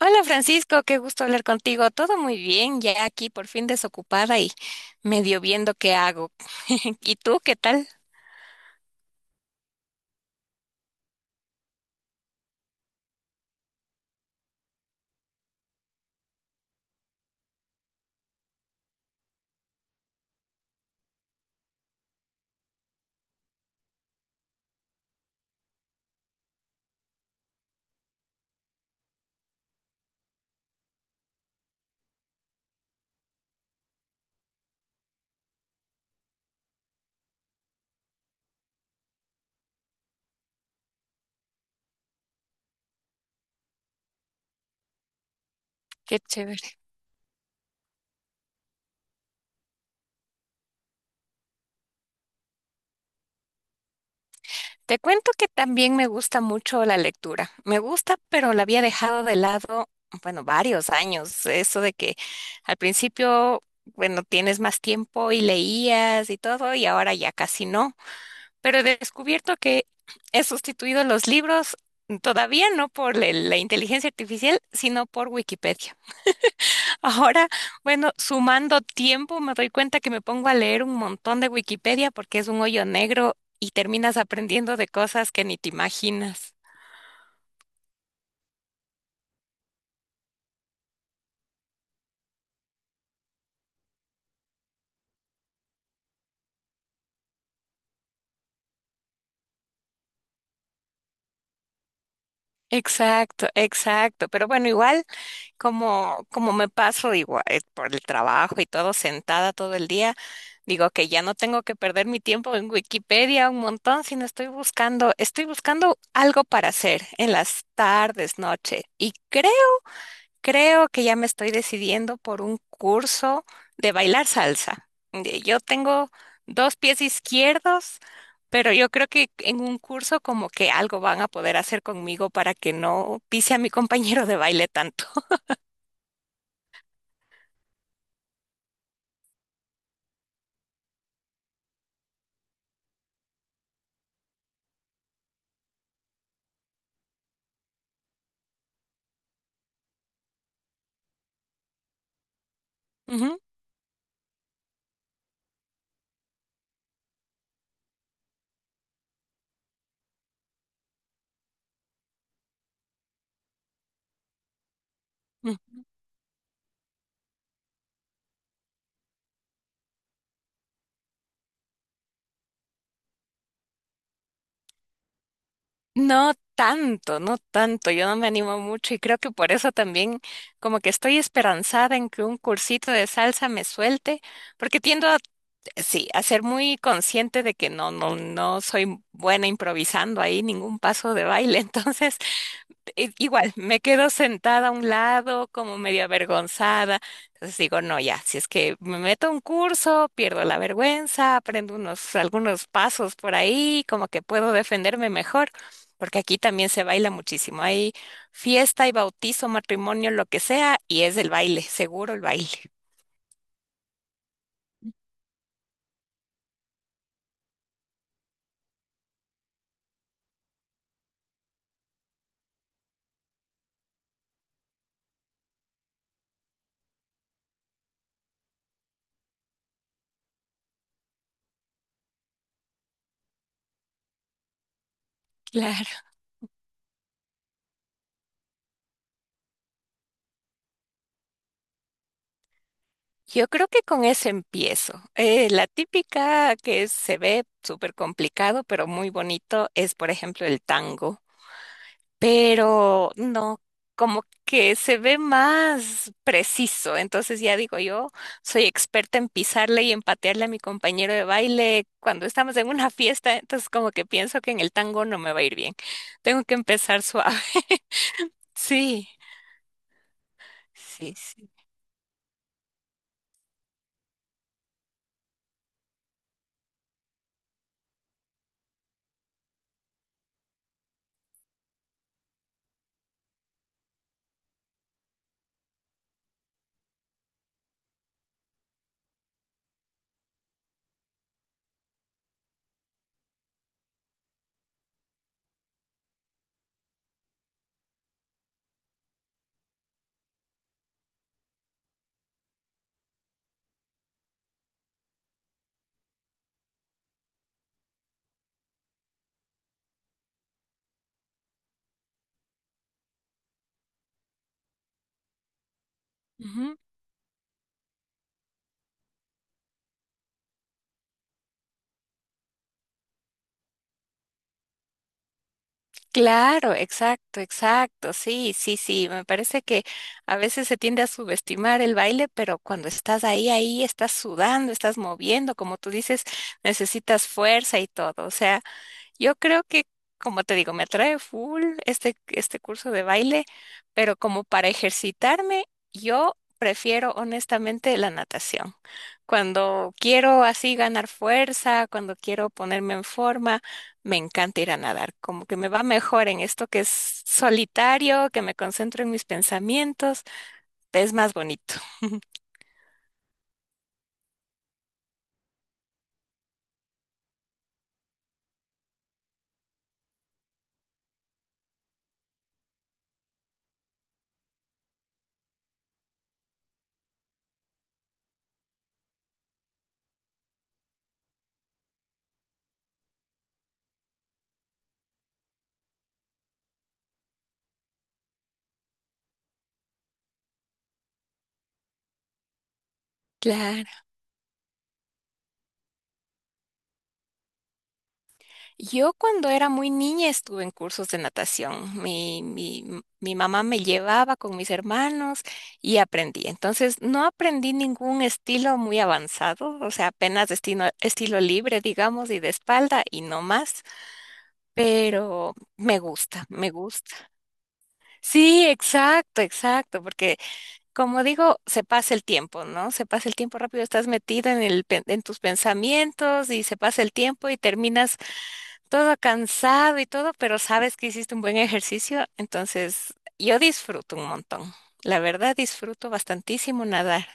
Hola Francisco, qué gusto hablar contigo. Todo muy bien, ya aquí por fin desocupada y medio viendo qué hago. ¿Y tú qué tal? Qué chévere. Te cuento que también me gusta mucho la lectura. Me gusta, pero la había dejado de lado, bueno, varios años. Eso de que al principio, bueno, tienes más tiempo y leías y todo, y ahora ya casi no. Pero he descubierto que he sustituido los libros todavía no por la inteligencia artificial, sino por Wikipedia. Ahora, bueno, sumando tiempo, me doy cuenta que me pongo a leer un montón de Wikipedia porque es un hoyo negro y terminas aprendiendo de cosas que ni te imaginas. Exacto, exacto. Pero bueno, igual. Como me paso igual por el trabajo y todo sentada todo el día, digo que ya no tengo que perder mi tiempo en Wikipedia un montón, sino estoy buscando algo para hacer en las tardes, noche. Y creo que ya me estoy decidiendo por un curso de bailar salsa. Yo tengo dos pies izquierdos, pero yo creo que en un curso como que algo van a poder hacer conmigo para que no pise a mi compañero de baile tanto. Ujú, ujú. No tanto, no tanto, yo no me animo mucho y creo que por eso también como que estoy esperanzada en que un cursito de salsa me suelte, porque tiendo a, sí, a ser muy consciente de que no, no, no soy buena improvisando ahí ningún paso de baile. Entonces, igual, me quedo sentada a un lado como medio avergonzada. Entonces digo, no, ya, si es que me meto a un curso, pierdo la vergüenza, aprendo unos, algunos pasos por ahí, como que puedo defenderme mejor, porque aquí también se baila muchísimo. Hay fiesta y bautizo, matrimonio, lo que sea, y es el baile, seguro el baile. Claro, yo creo que con eso empiezo. La típica que se ve súper complicado, pero muy bonito, es por ejemplo el tango. Pero no, como que se ve más preciso. Entonces ya digo, yo soy experta en pisarle y en patearle a mi compañero de baile cuando estamos en una fiesta, entonces como que pienso que en el tango no me va a ir bien. Tengo que empezar suave. Sí, sí, sí. Claro, exacto, exacto, sí, sí, sí, me parece que a veces se tiende a subestimar el baile, pero cuando estás ahí, ahí estás sudando, estás moviendo, como tú dices, necesitas fuerza y todo, o sea. Yo creo que, como te digo, me atrae full este curso de baile, pero como para ejercitarme, yo prefiero honestamente la natación. Cuando quiero así ganar fuerza, cuando quiero ponerme en forma, me encanta ir a nadar. Como que me va mejor en esto que es solitario, que me concentro en mis pensamientos, es más bonito. Claro. Yo cuando era muy niña estuve en cursos de natación. Mi mamá me llevaba con mis hermanos y aprendí. Entonces no aprendí ningún estilo muy avanzado, o sea, apenas estilo libre, digamos, y de espalda y no más. Pero me gusta, me gusta. Sí, exacto, exacto, porque como digo, se pasa el tiempo, ¿no? Se pasa el tiempo rápido, estás metida en tus pensamientos y se pasa el tiempo y terminas todo cansado y todo, pero sabes que hiciste un buen ejercicio, entonces yo disfruto un montón. La verdad, disfruto bastantísimo nadar.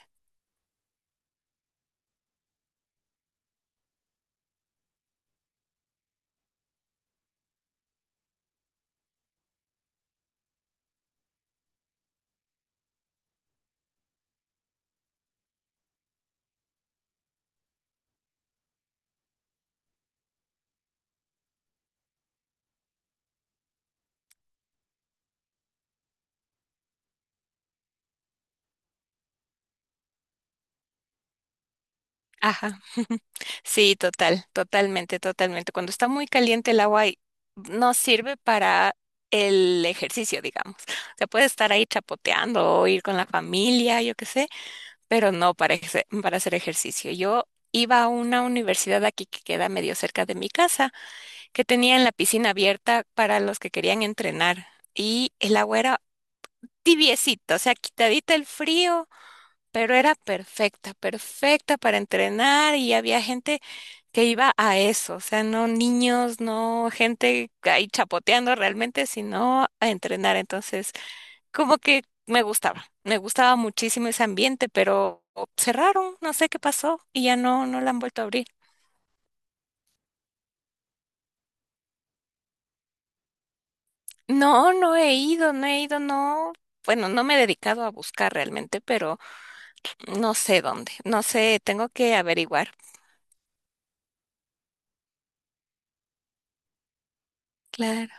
Ajá. Sí, total, totalmente, totalmente. Cuando está muy caliente el agua y no sirve para el ejercicio, digamos. Se puede estar ahí chapoteando o ir con la familia, yo qué sé. Pero no para hacer ejercicio. Yo iba a una universidad aquí que queda medio cerca de mi casa, que tenían la piscina abierta para los que querían entrenar y el agua era tibiecito, o sea, quitadita el frío, pero era perfecta, perfecta para entrenar y había gente que iba a eso, o sea, no niños, no gente ahí chapoteando realmente, sino a entrenar. Entonces, como que me gustaba muchísimo ese ambiente, pero cerraron, no sé qué pasó y ya no, no la han vuelto a abrir. No, no he ido, no he ido, no. Bueno, no me he dedicado a buscar realmente, pero no sé dónde, no sé, tengo que averiguar. Claro.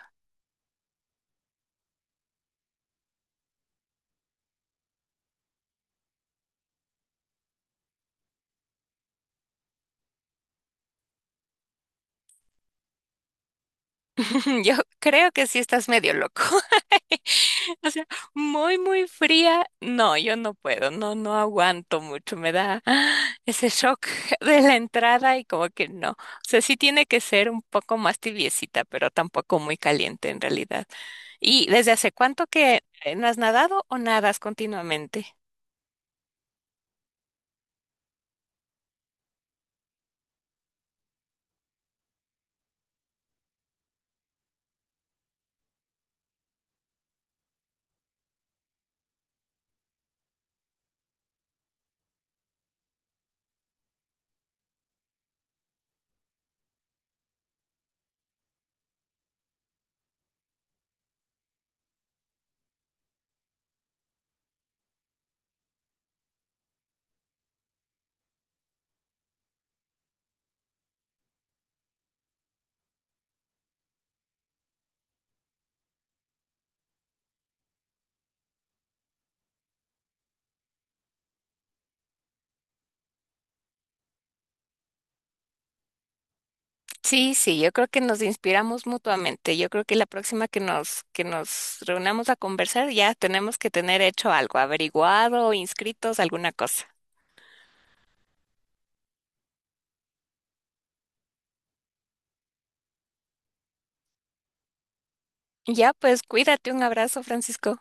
Yo creo que sí estás medio loco. O sea, muy, muy fría. No, yo no puedo, no, no aguanto mucho. Me da ese shock de la entrada y como que no. O sea, sí tiene que ser un poco más tibiecita, pero tampoco muy caliente en realidad. ¿Y desde hace cuánto que no has nadado o nadas continuamente? Sí, sí, yo creo que nos inspiramos mutuamente. Yo creo que la próxima que nos reunamos a conversar ya tenemos que tener hecho algo, averiguado, inscritos, alguna cosa. Ya, pues cuídate, un abrazo, Francisco.